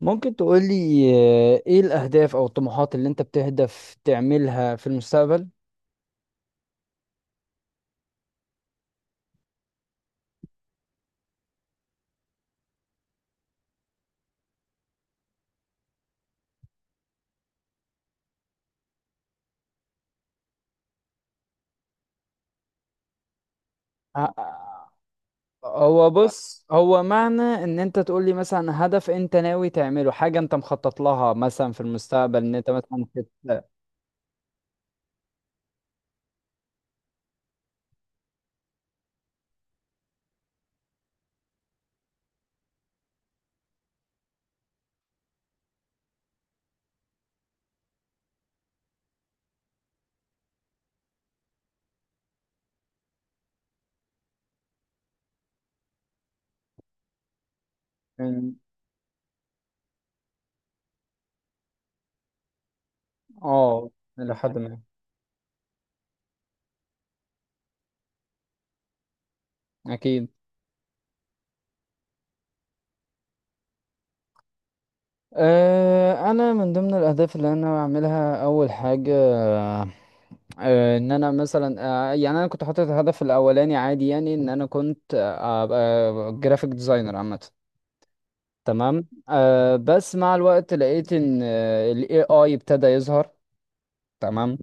ممكن تقولي ايه الأهداف أو الطموحات اللي انت بتهدف تعملها في المستقبل؟ ه- هو بص، هو معنى ان انت تقولي مثلا هدف انت ناوي تعمله، حاجة انت مخطط لها مثلا في المستقبل، ان انت مثلا إن- اه، إلى حد ما. أكيد. أه، أنا من ضمن الأهداف اللي أنا بعملها أول حاجة ان انا مثلا، يعني انا كنت حاطط الهدف الاولاني عادي، يعني ان انا كنت ابقى جرافيك ديزاينر عامه. تمام، بس مع الوقت لقيت ان ال AI ابتدى يظهر. تمام،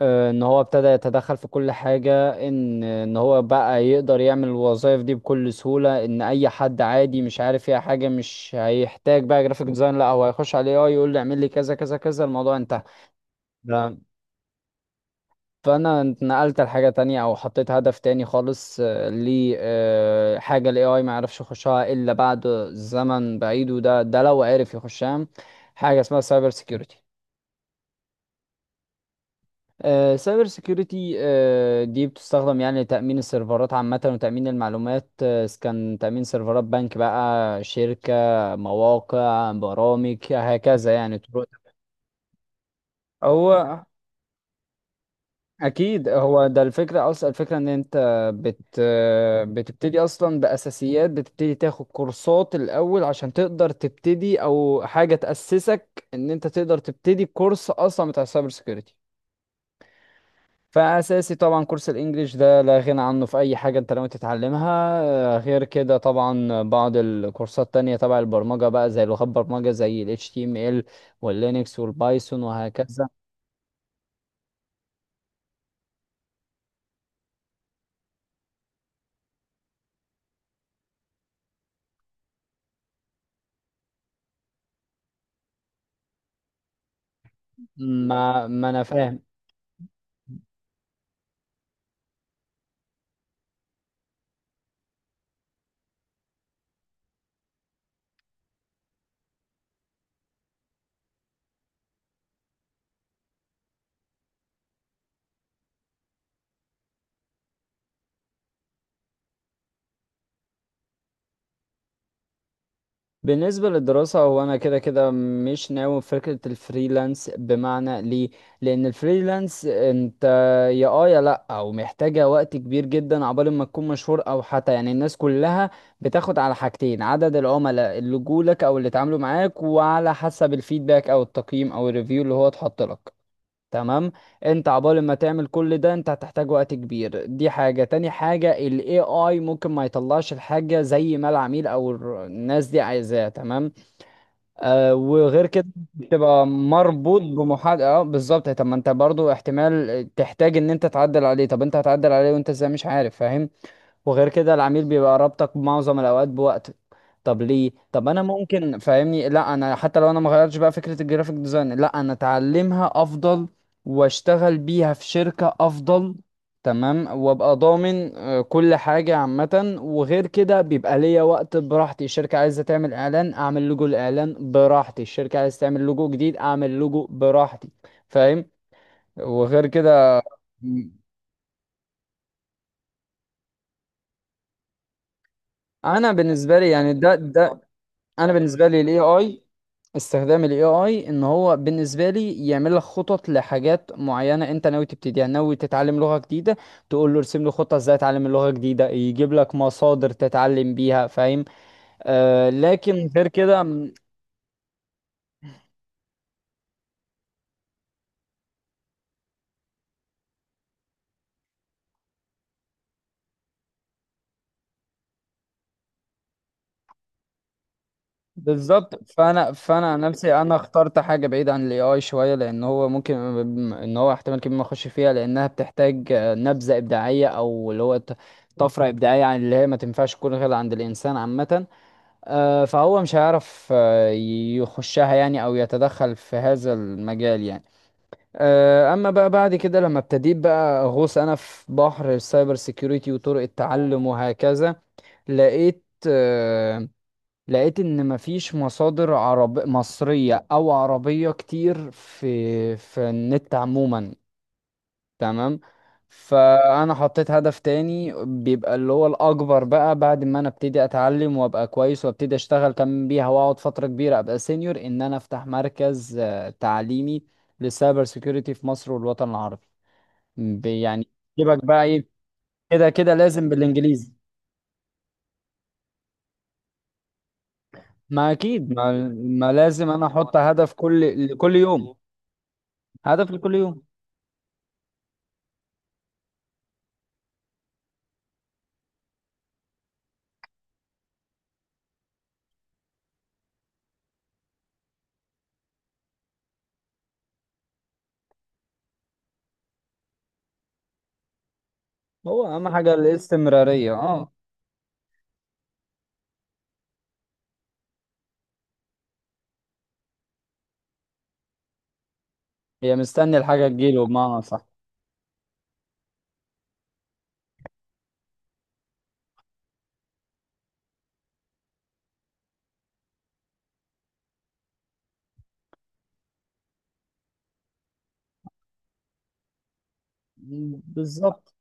ان هو ابتدى يتدخل في كل حاجة، ان هو بقى يقدر يعمل الوظائف دي بكل سهولة، ان اي حد عادي مش عارف فيها حاجة مش هيحتاج بقى جرافيك ديزاين، لا هو هيخش على ال AI يقول له اعمل لي كذا كذا كذا، الموضوع انتهى. ده، فانا اتنقلت لحاجه تانية او حطيت هدف تاني خالص، لي حاجه الاي اي ما يعرفش يخشها الا بعد زمن بعيد، وده لو عرف يخشها، حاجه اسمها سايبر سيكيورتي. سايبر سيكيورتي دي بتستخدم يعني لتأمين السيرفرات عامة وتأمين المعلومات، إذا كان تأمين سيرفرات بنك بقى، شركة، مواقع، برامج، هكذا يعني طرق. هو اكيد هو ده الفكره اصلا، الفكره ان انت بت بتبتدي اصلا باساسيات، بتبتدي تاخد كورسات الاول عشان تقدر تبتدي، او حاجه تاسسك ان انت تقدر تبتدي كورس اصلا بتاع السايبر سيكيورتي. فاساسي طبعا كورس الانجليش، ده لا غنى عنه في اي حاجه انت لو تتعلمها. غير كده طبعا بعض الكورسات التانية تبع البرمجه بقى، زي لغات برمجه زي ال HTML واللينكس والبايثون وهكذا. ما انا فاهم. بالنسبة للدراسة، هو أنا كده كده مش ناوي في فكرة الفريلانس، بمعنى ليه؟ لأن الفريلانس أنت، يا يا لأ، أو محتاجة وقت كبير جدا عقبال ما تكون مشهور، أو حتى يعني الناس كلها بتاخد على حاجتين: عدد العملاء اللي جولك أو اللي اتعاملوا معاك، وعلى حسب الفيدباك أو التقييم أو الريفيو اللي هو اتحط لك. تمام، انت عبال ما تعمل كل ده انت هتحتاج وقت كبير، دي حاجة. تاني حاجة، ال AI ممكن ما يطلعش الحاجة زي ما العميل او الناس دي عايزاها، تمام. وغير كده بتبقى مربوط بمحاد. اه بالظبط، طب ما انت برضو احتمال تحتاج ان انت تعدل عليه، طب انت هتعدل عليه وانت ازاي مش عارف، فاهم. وغير كده العميل بيبقى رابطك معظم الاوقات بوقتك. طب ليه؟ طب انا ممكن، فاهمني، لا انا حتى لو انا ما غيرتش بقى فكره الجرافيك ديزاين، لا انا اتعلمها افضل واشتغل بيها في شركه افضل. تمام، وابقى ضامن كل حاجه عامه، وغير كده بيبقى ليا وقت براحتي. الشركه عايزه تعمل اعلان، اعمل لوجو الاعلان براحتي. الشركه عايزه تعمل لوجو جديد، اعمل لوجو براحتي، فاهم. وغير كده، انا بالنسبه لي يعني ده انا بالنسبه لي الاي اي، استخدام الاي اي ان هو بالنسبه لي يعمل لك خطط لحاجات معينه انت ناوي تبتديها. يعني ناوي تتعلم لغه جديده، تقول له ارسم لي خطه ازاي اتعلم اللغه الجديده، يجيب لك مصادر تتعلم بيها، فاهم. لكن غير كده بالظبط. فانا عن نفسي، انا اخترت حاجه بعيده عن الاي اي شويه، لان هو ممكن ان هو احتمال كبير ما اخش فيها لانها بتحتاج نبذه ابداعيه، او اللي هو طفره ابداعيه عن اللي هي ما تنفعش تكون غير عند الانسان عامه. فهو مش هيعرف يخشها يعني، او يتدخل في هذا المجال يعني. اما بقى بعد كده لما ابتديت بقى اغوص انا في بحر السايبر سيكيورتي وطرق التعلم وهكذا، لقيت، آه، لقيت ان مفيش مصادر عرب مصرية او عربية كتير في النت عموما. تمام، فانا حطيت هدف تاني بيبقى اللي هو الاكبر بقى، بعد ما انا ابتدي اتعلم وابقى كويس وابتدي اشتغل كمان بيها واقعد فترة كبيرة ابقى سينيور، ان انا افتح مركز تعليمي للسايبر سيكيورتي في مصر والوطن العربي. يعني يجيبك بقى ايه، كده كده لازم بالانجليزي. ما اكيد، ما لازم انا احط هدف كل لكل يوم، هدف لكل يوم. هو اهم حاجة الاستمرارية، اه. هي مستني الحاجة تجيله، بمعنى صح. بالظبط،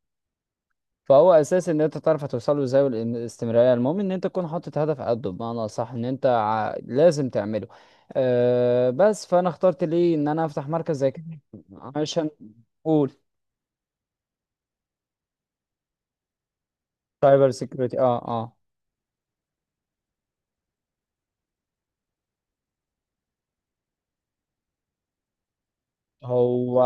فهو اساس ان انت تعرف هتوصل له ازاي، والاستمراريه المهم ان انت تكون حاطط هدف قده، بمعنى اصح ان انت لازم تعمله. أه بس فانا اخترت ليه ان انا افتح مركز زي كده، عشان اقول، سايبر سيكيورتي، اه اه. هو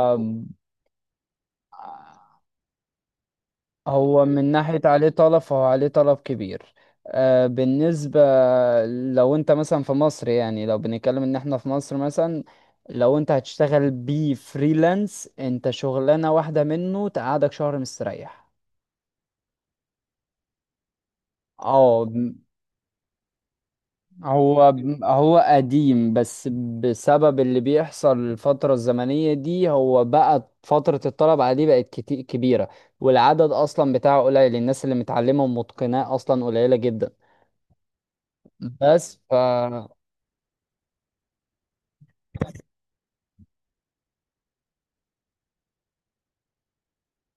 هو من ناحية عليه طلب، فهو عليه طلب كبير. بالنسبة، لو انت مثلا في مصر، يعني لو بنتكلم ان احنا في مصر مثلا، لو انت هتشتغل بيه فريلانس، انت شغلانة واحدة منه تقعدك شهر مستريح. اه هو قديم، بس بسبب اللي بيحصل الفترة الزمنية دي هو بقى فترة الطلب عليه بقت كتير كبيرة، والعدد اصلا بتاعه قليل، الناس اللي متعلمة ومتقناه اصلا قليلة جدا. بس ف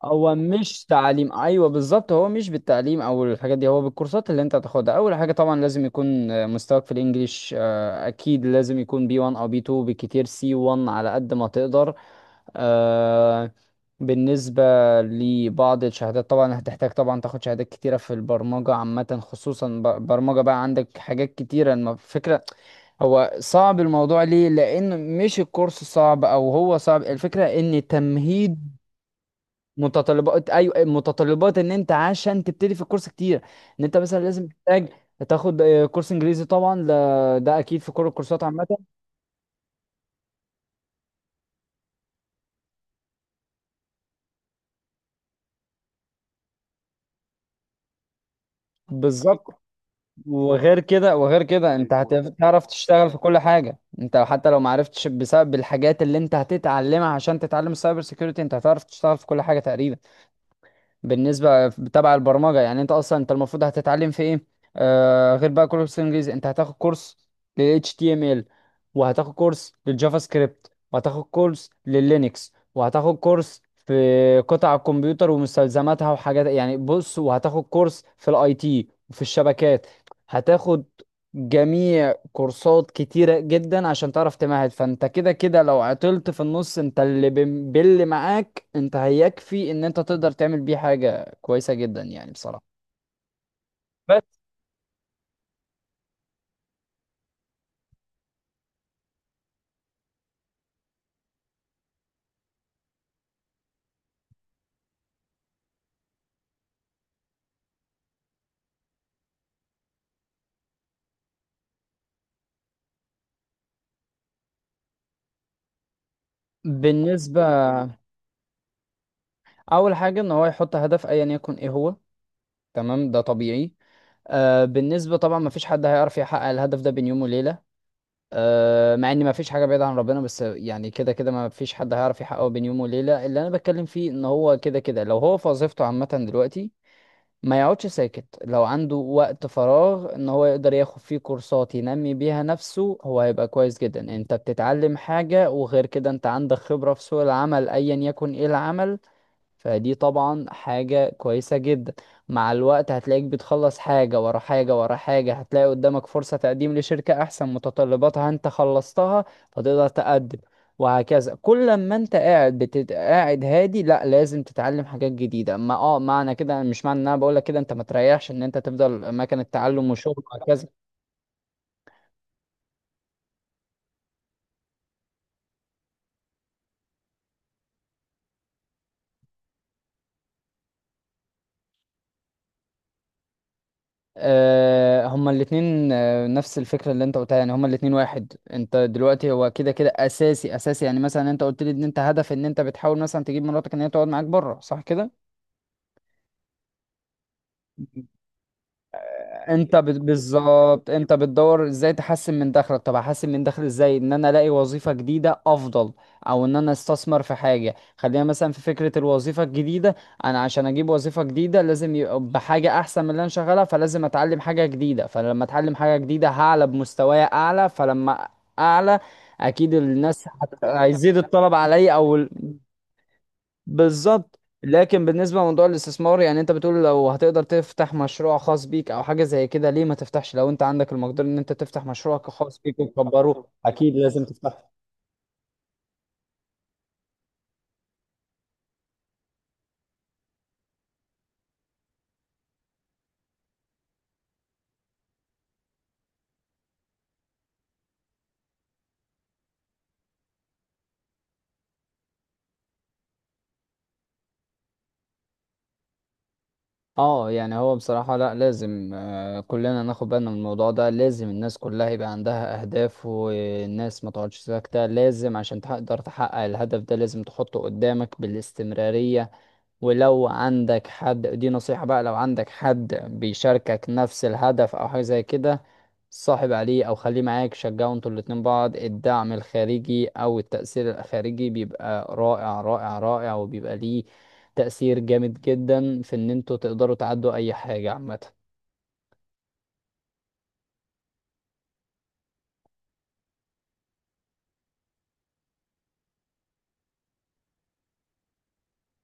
هو مش تعليم، ايوه بالظبط، هو مش بالتعليم او الحاجات دي، هو بالكورسات اللي انت هتاخدها. اول حاجه طبعا لازم يكون مستواك في الانجليش، اكيد لازم يكون بي 1 او بي 2، بكتير سي 1 على قد ما تقدر. آه، بالنسبه لبعض الشهادات طبعا، هتحتاج طبعا تاخد شهادات كتيره في البرمجه عامه، خصوصا برمجه، بقى عندك حاجات كتيره، فكره، هو صعب الموضوع ليه، لان مش الكورس صعب او هو صعب، الفكره ان تمهيد، متطلبات، ايوه متطلبات، ان انت عشان تبتدي في الكورس كتير، ان انت مثلا لازم تحتاج تاخد كورس انجليزي طبعا، ده اكيد في كل الكورسات عامه، بالظبط. وغير كده، وغير كده انت هتعرف تشتغل في كل حاجه، انت حتى لو ما عرفتش، بسبب الحاجات اللي انت هتتعلمها عشان تتعلم السايبر سيكيورتي انت هتعرف تشتغل في كل حاجه تقريبا. بالنسبه تبع البرمجه يعني، انت اصلا انت المفروض هتتعلم في ايه؟ غير بقى كورس انجليزي، انت هتاخد كورس لل HTML، وهتاخد كورس للجافا سكريبت، وهتاخد كورس لللينكس، وهتاخد كورس في قطع الكمبيوتر ومستلزماتها وحاجات، يعني بص، وهتاخد كورس في الاي تي وفي الشبكات. هتاخد جميع كورسات كتيرة جدا عشان تعرف تمهد، فانت كده كده لو عطلت في النص انت اللي باللي معاك، انت هيكفي ان انت تقدر تعمل بيه حاجة كويسة جدا يعني بصراحة. بس بالنسبة، أول حاجة إن هو يحط هدف أيا يكن إيه هو. تمام، ده طبيعي. بالنسبة طبعا، مفيش حد هيعرف يحقق الهدف ده بين يوم وليلة، مع إن مفيش حاجة بعيدة عن ربنا، بس يعني كده كده مفيش حد هيعرف يحققه بين يوم وليلة. اللي أنا بتكلم فيه إن هو كده كده لو هو في وظيفته عامة دلوقتي ما يقعدش ساكت، لو عنده وقت فراغ ان هو يقدر ياخد فيه كورسات ينمي بيها نفسه، هو هيبقى كويس جدا. انت بتتعلم حاجة، وغير كده انت عندك خبرة في سوق العمل ايا يكن ايه العمل، فدي طبعا حاجة كويسة جدا. مع الوقت هتلاقيك بتخلص حاجة ورا حاجة ورا حاجة، هتلاقي قدامك فرصة تقديم لشركة أحسن متطلباتها أنت خلصتها، فتقدر تقدم، وهكذا. كل ما أنت قاعد قاعد هادي، لا لازم تتعلم حاجات جديدة، ما معنى كده، مش معنى إن أنا بقولك كده أنت ما تريحش، إن أنت تفضل مكان، التعلم وشغل وهكذا. هما الاتنين، نفس الفكرة اللي انت قلتها، يعني هما الاتنين واحد. انت دلوقتي هو كده كده اساسي اساسي، يعني مثلا انت قلت لي ان انت هدف ان انت بتحاول مثلا تجيب مراتك ان هي تقعد معاك بره، صح كده؟ انت بالظبط انت بتدور ازاي تحسن من دخلك. طب هحسن من دخلي ازاي؟ ان انا الاقي وظيفة جديدة افضل، او ان انا استثمر في حاجة. خلينا مثلا في فكرة الوظيفة الجديدة، انا عشان اجيب وظيفة جديدة لازم يبقى بحاجة احسن من اللي انا شغالها، فلازم اتعلم حاجة جديدة، فلما اتعلم حاجة جديدة هعلى بمستواي اعلى، فلما اعلى اكيد الناس هيزيد الطلب عليا او بالظبط. لكن بالنسبة لموضوع الاستثمار يعني، انت بتقول لو هتقدر تفتح مشروع خاص بيك او حاجة زي كده، ليه ما تفتحش؟ لو انت عندك المقدرة ان انت تفتح مشروعك الخاص بيك وتكبره، اكيد لازم تفتح. اه يعني هو بصراحة لا لازم، كلنا ناخد بالنا من الموضوع ده، لازم الناس كلها يبقى عندها اهداف، والناس ما تقعدش ساكتة، لازم عشان تقدر تحقق الهدف ده لازم تحطه قدامك بالاستمرارية. ولو عندك حد، دي نصيحة بقى، لو عندك حد بيشاركك نفس الهدف او حاجة زي كده، صاحب عليه او خليه معاك، شجعوا انتوا الاتنين بعض، الدعم الخارجي او التأثير الخارجي بيبقى رائع رائع رائع، وبيبقى ليه تأثير جامد جدا في ان انتوا تقدروا تعدوا اي حاجة عامة.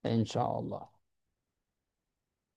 ان شاء الله.